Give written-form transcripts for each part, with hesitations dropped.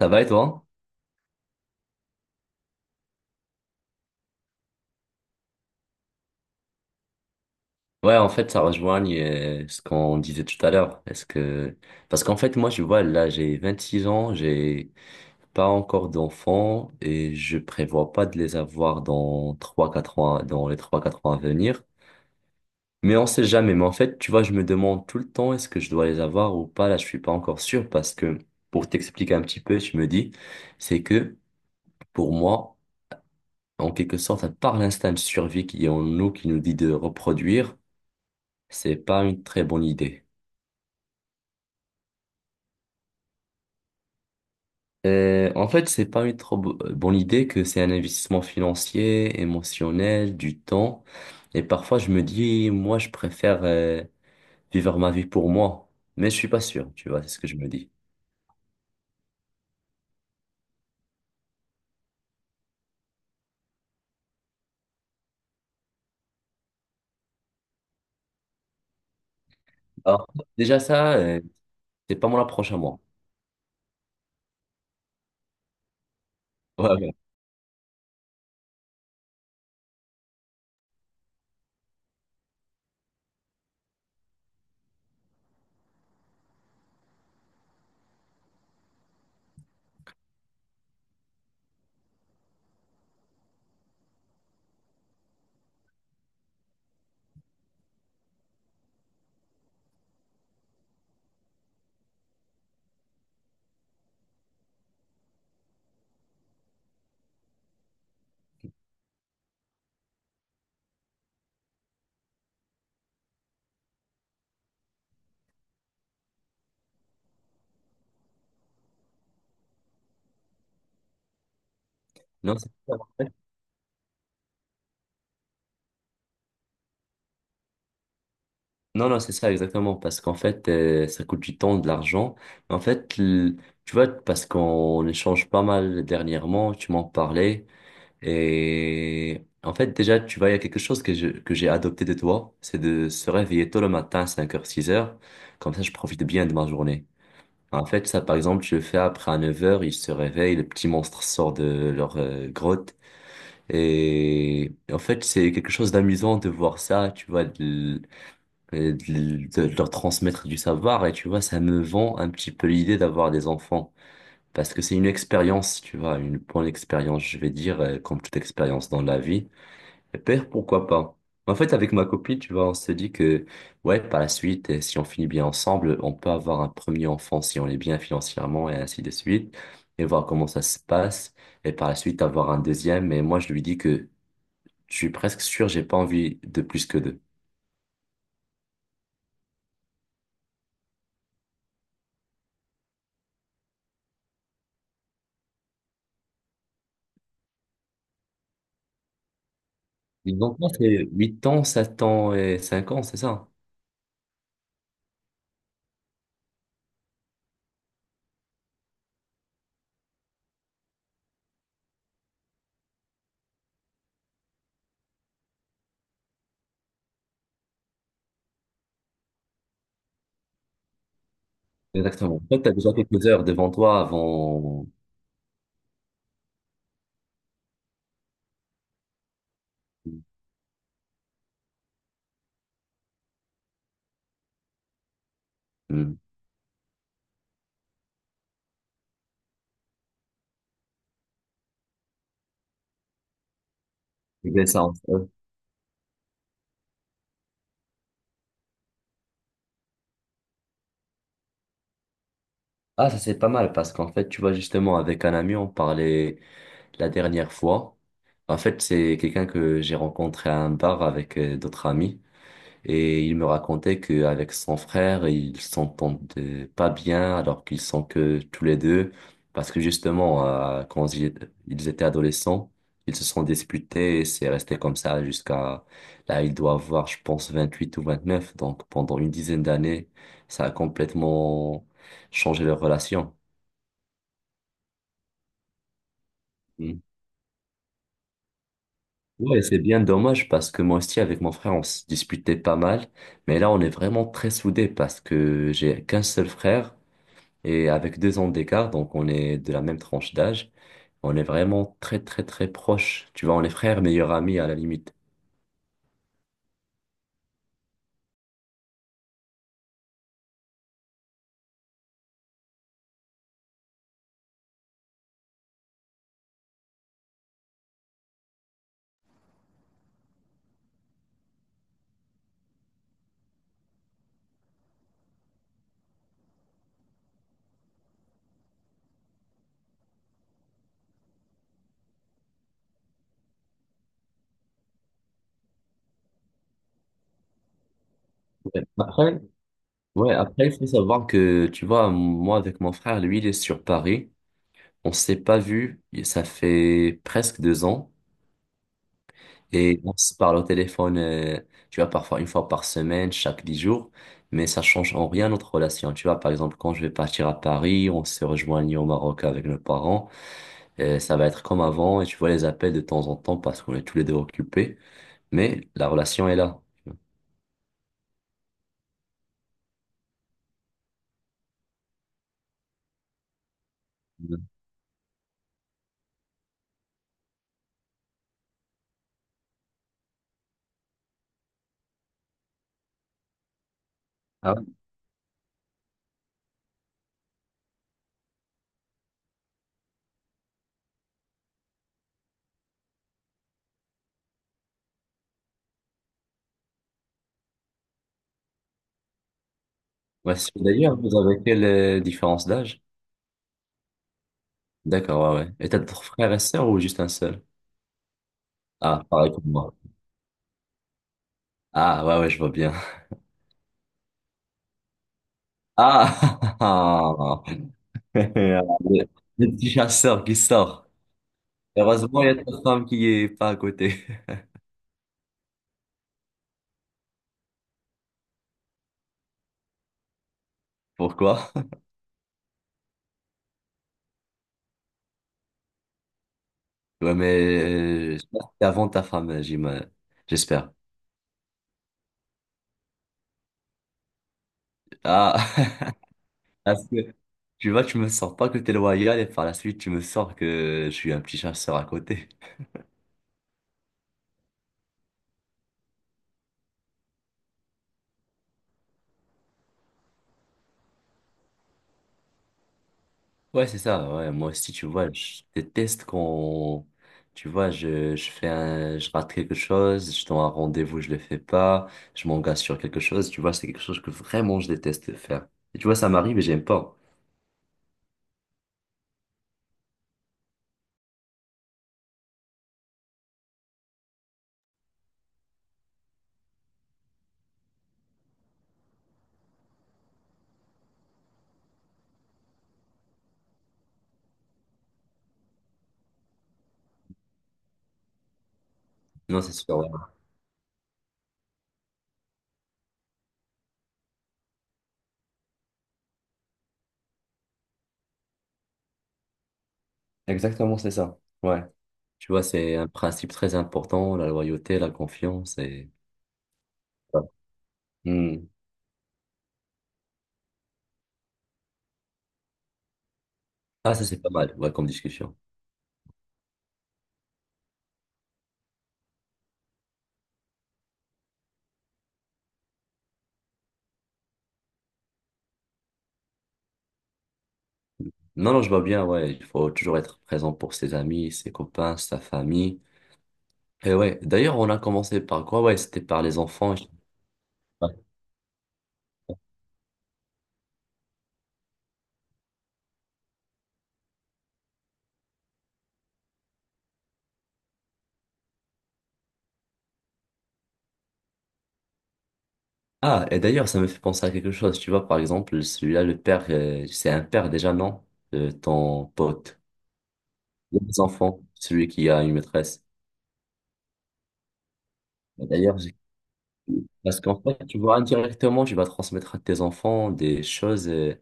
Ça va et toi? Ouais, en fait, ça rejoint ce qu'on disait tout à l'heure. Est-ce que... Parce qu'en fait, moi, je vois, là, j'ai 26 ans, j'ai pas encore d'enfants et je prévois pas de les avoir dans les trois quatre ans à venir. Mais on sait jamais. Mais en fait, tu vois, je me demande tout le temps, est-ce que je dois les avoir ou pas? Là, je suis pas encore sûr parce que, pour t'expliquer un petit peu, je me dis, c'est que, pour moi, en quelque sorte, à part l'instinct de survie qui est en nous, qui nous dit de reproduire, c'est pas une très bonne idée. En fait, c'est pas une trop bonne idée que c'est un investissement financier, émotionnel, du temps. Et parfois, je me dis, moi, je préfère vivre ma vie pour moi. Mais je suis pas sûr, tu vois, c'est ce que je me dis. Alors, déjà ça, c'est pas mon approche à moi. Ouais, ouais. Non, c'est ça. Non, non, c'est ça exactement, parce qu'en fait, ça coûte du temps, de l'argent. En fait, tu vois, parce qu'on échange pas mal dernièrement, tu m'en parlais. Et en fait, déjà, tu vois, il y a quelque chose que j'ai adopté de toi, c'est de se réveiller tôt le matin, cinq heures six heures. Comme ça, je profite bien de ma journée. En fait, ça, par exemple, je le fais après, à 9 heures ils se réveillent, le petit monstre sort de leur grotte. Et en fait, c'est quelque chose d'amusant de voir ça, tu vois, de leur transmettre du savoir. Et tu vois, ça me vend un petit peu l'idée d'avoir des enfants. Parce que c'est une expérience, tu vois, une bonne expérience, je vais dire, comme toute expérience dans la vie. Père, pourquoi pas? En fait, avec ma copine, tu vois, on se dit que, ouais, par la suite, si on finit bien ensemble, on peut avoir un premier enfant si on est bien financièrement et ainsi de suite, et voir comment ça se passe, et par la suite avoir un deuxième. Mais moi, je lui dis que je suis presque sûr, j'ai pas envie de plus que deux. Donc, moi, c'est 8 ans, 7 ans et 5 ans, c'est ça? Exactement. En fait, t'as déjà quelques heures devant toi avant. Hmm. Ça entre. Ah, ça c'est pas mal parce qu'en fait, tu vois, justement, avec un ami, on parlait la dernière fois. En fait, c'est quelqu'un que j'ai rencontré à un bar avec d'autres amis et il me racontait qu'avec son frère, ils s'entendaient pas bien alors qu'ils sont que tous les deux parce que justement, quand ils étaient adolescents, ils se sont disputés et c'est resté comme ça jusqu'à là, il doit avoir, je pense, 28 ou 29. Donc, pendant une dizaine d'années, ça a complètement changé leur relation. Hmm. Ouais, c'est bien dommage parce que moi aussi avec mon frère on se disputait pas mal, mais là on est vraiment très soudés parce que j'ai qu'un seul frère et avec 2 ans d'écart, donc on est de la même tranche d'âge, on est vraiment très très très proches. Tu vois, on est frères, meilleurs amis à la limite. Ouais. Après, ouais, après il faut savoir que tu vois, moi avec mon frère, lui il est sur Paris, on s'est pas vu, et ça fait presque 2 ans. Et on se parle au téléphone, tu vois, parfois une fois par semaine, chaque 10 jours, mais ça change en rien notre relation. Tu vois, par exemple, quand je vais partir à Paris, on se rejoignit au Maroc avec nos parents, ça va être comme avant, et tu vois les appels de temps en temps parce qu'on est tous les deux occupés, mais la relation est là. Ah ouais. Ouais, d'ailleurs, vous avez quelle différence d'âge? D'accord, ouais, ouais. Et t'as d'autres frères et sœurs ou juste un seul? Ah, pareil pour moi. Ah, ouais, ouais, je vois bien. Ah, Le, le petit chasseur qui sort. Heureusement, il y a ta femme qui est pas à côté. Pourquoi? Ouais, mais je que c'est avant ta femme, j'imagine. J'espère. Ah, parce que tu vois, tu me sors pas que t'es loyal et par la suite, tu me sors que je suis un petit chasseur à côté. Ouais, c'est ça. Ouais, moi aussi, tu vois, je déteste quand, tu vois, je rate quelque chose, je donne un rendez-vous, je le fais pas, je m'engage sur quelque chose, tu vois, c'est quelque chose que vraiment je déteste faire. Et tu vois, ça m'arrive et j'aime pas. Non, c'est sûr. Ouais. Exactement, c'est ça. Ouais. Tu vois, c'est un principe très important, la loyauté, la confiance et... Ouais. Hmm. Ah, ça, c'est pas mal, ouais, comme discussion. Non, non, je vois bien, ouais, il faut toujours être présent pour ses amis, ses copains, sa famille. Et ouais, d'ailleurs, on a commencé par quoi? Ouais, c'était par les enfants. Ah, et d'ailleurs, ça me fait penser à quelque chose. Tu vois, par exemple, celui-là, le père, c'est un père déjà, non? Ton pote. Les enfants, celui qui a une maîtresse. Et D'ailleurs, j'ai- parce qu'en fait, tu vois, indirectement, tu vas transmettre à tes enfants des choses.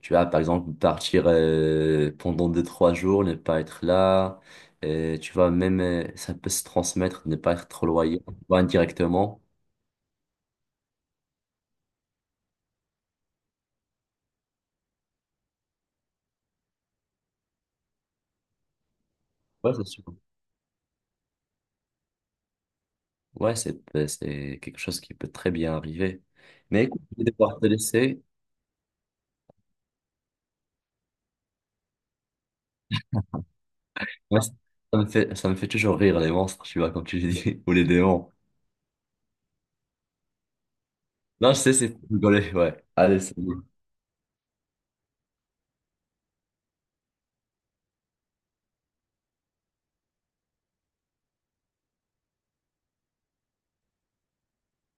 Tu vas, par exemple, partir pendant deux, trois jours, ne pas être là. Tu vois, même, ça peut se transmettre, ne pas être trop loyal, tu vois, indirectement. Ouais, c'est sûr. Ouais, c'est quelque chose qui peut très bien arriver. Mais écoute, je vais devoir te laisser. Moi, ça me fait toujours rire, les monstres, tu vois, comme tu dis, ou les démons. Non, je sais, c'est pour rigoler, ouais. Allez, salut.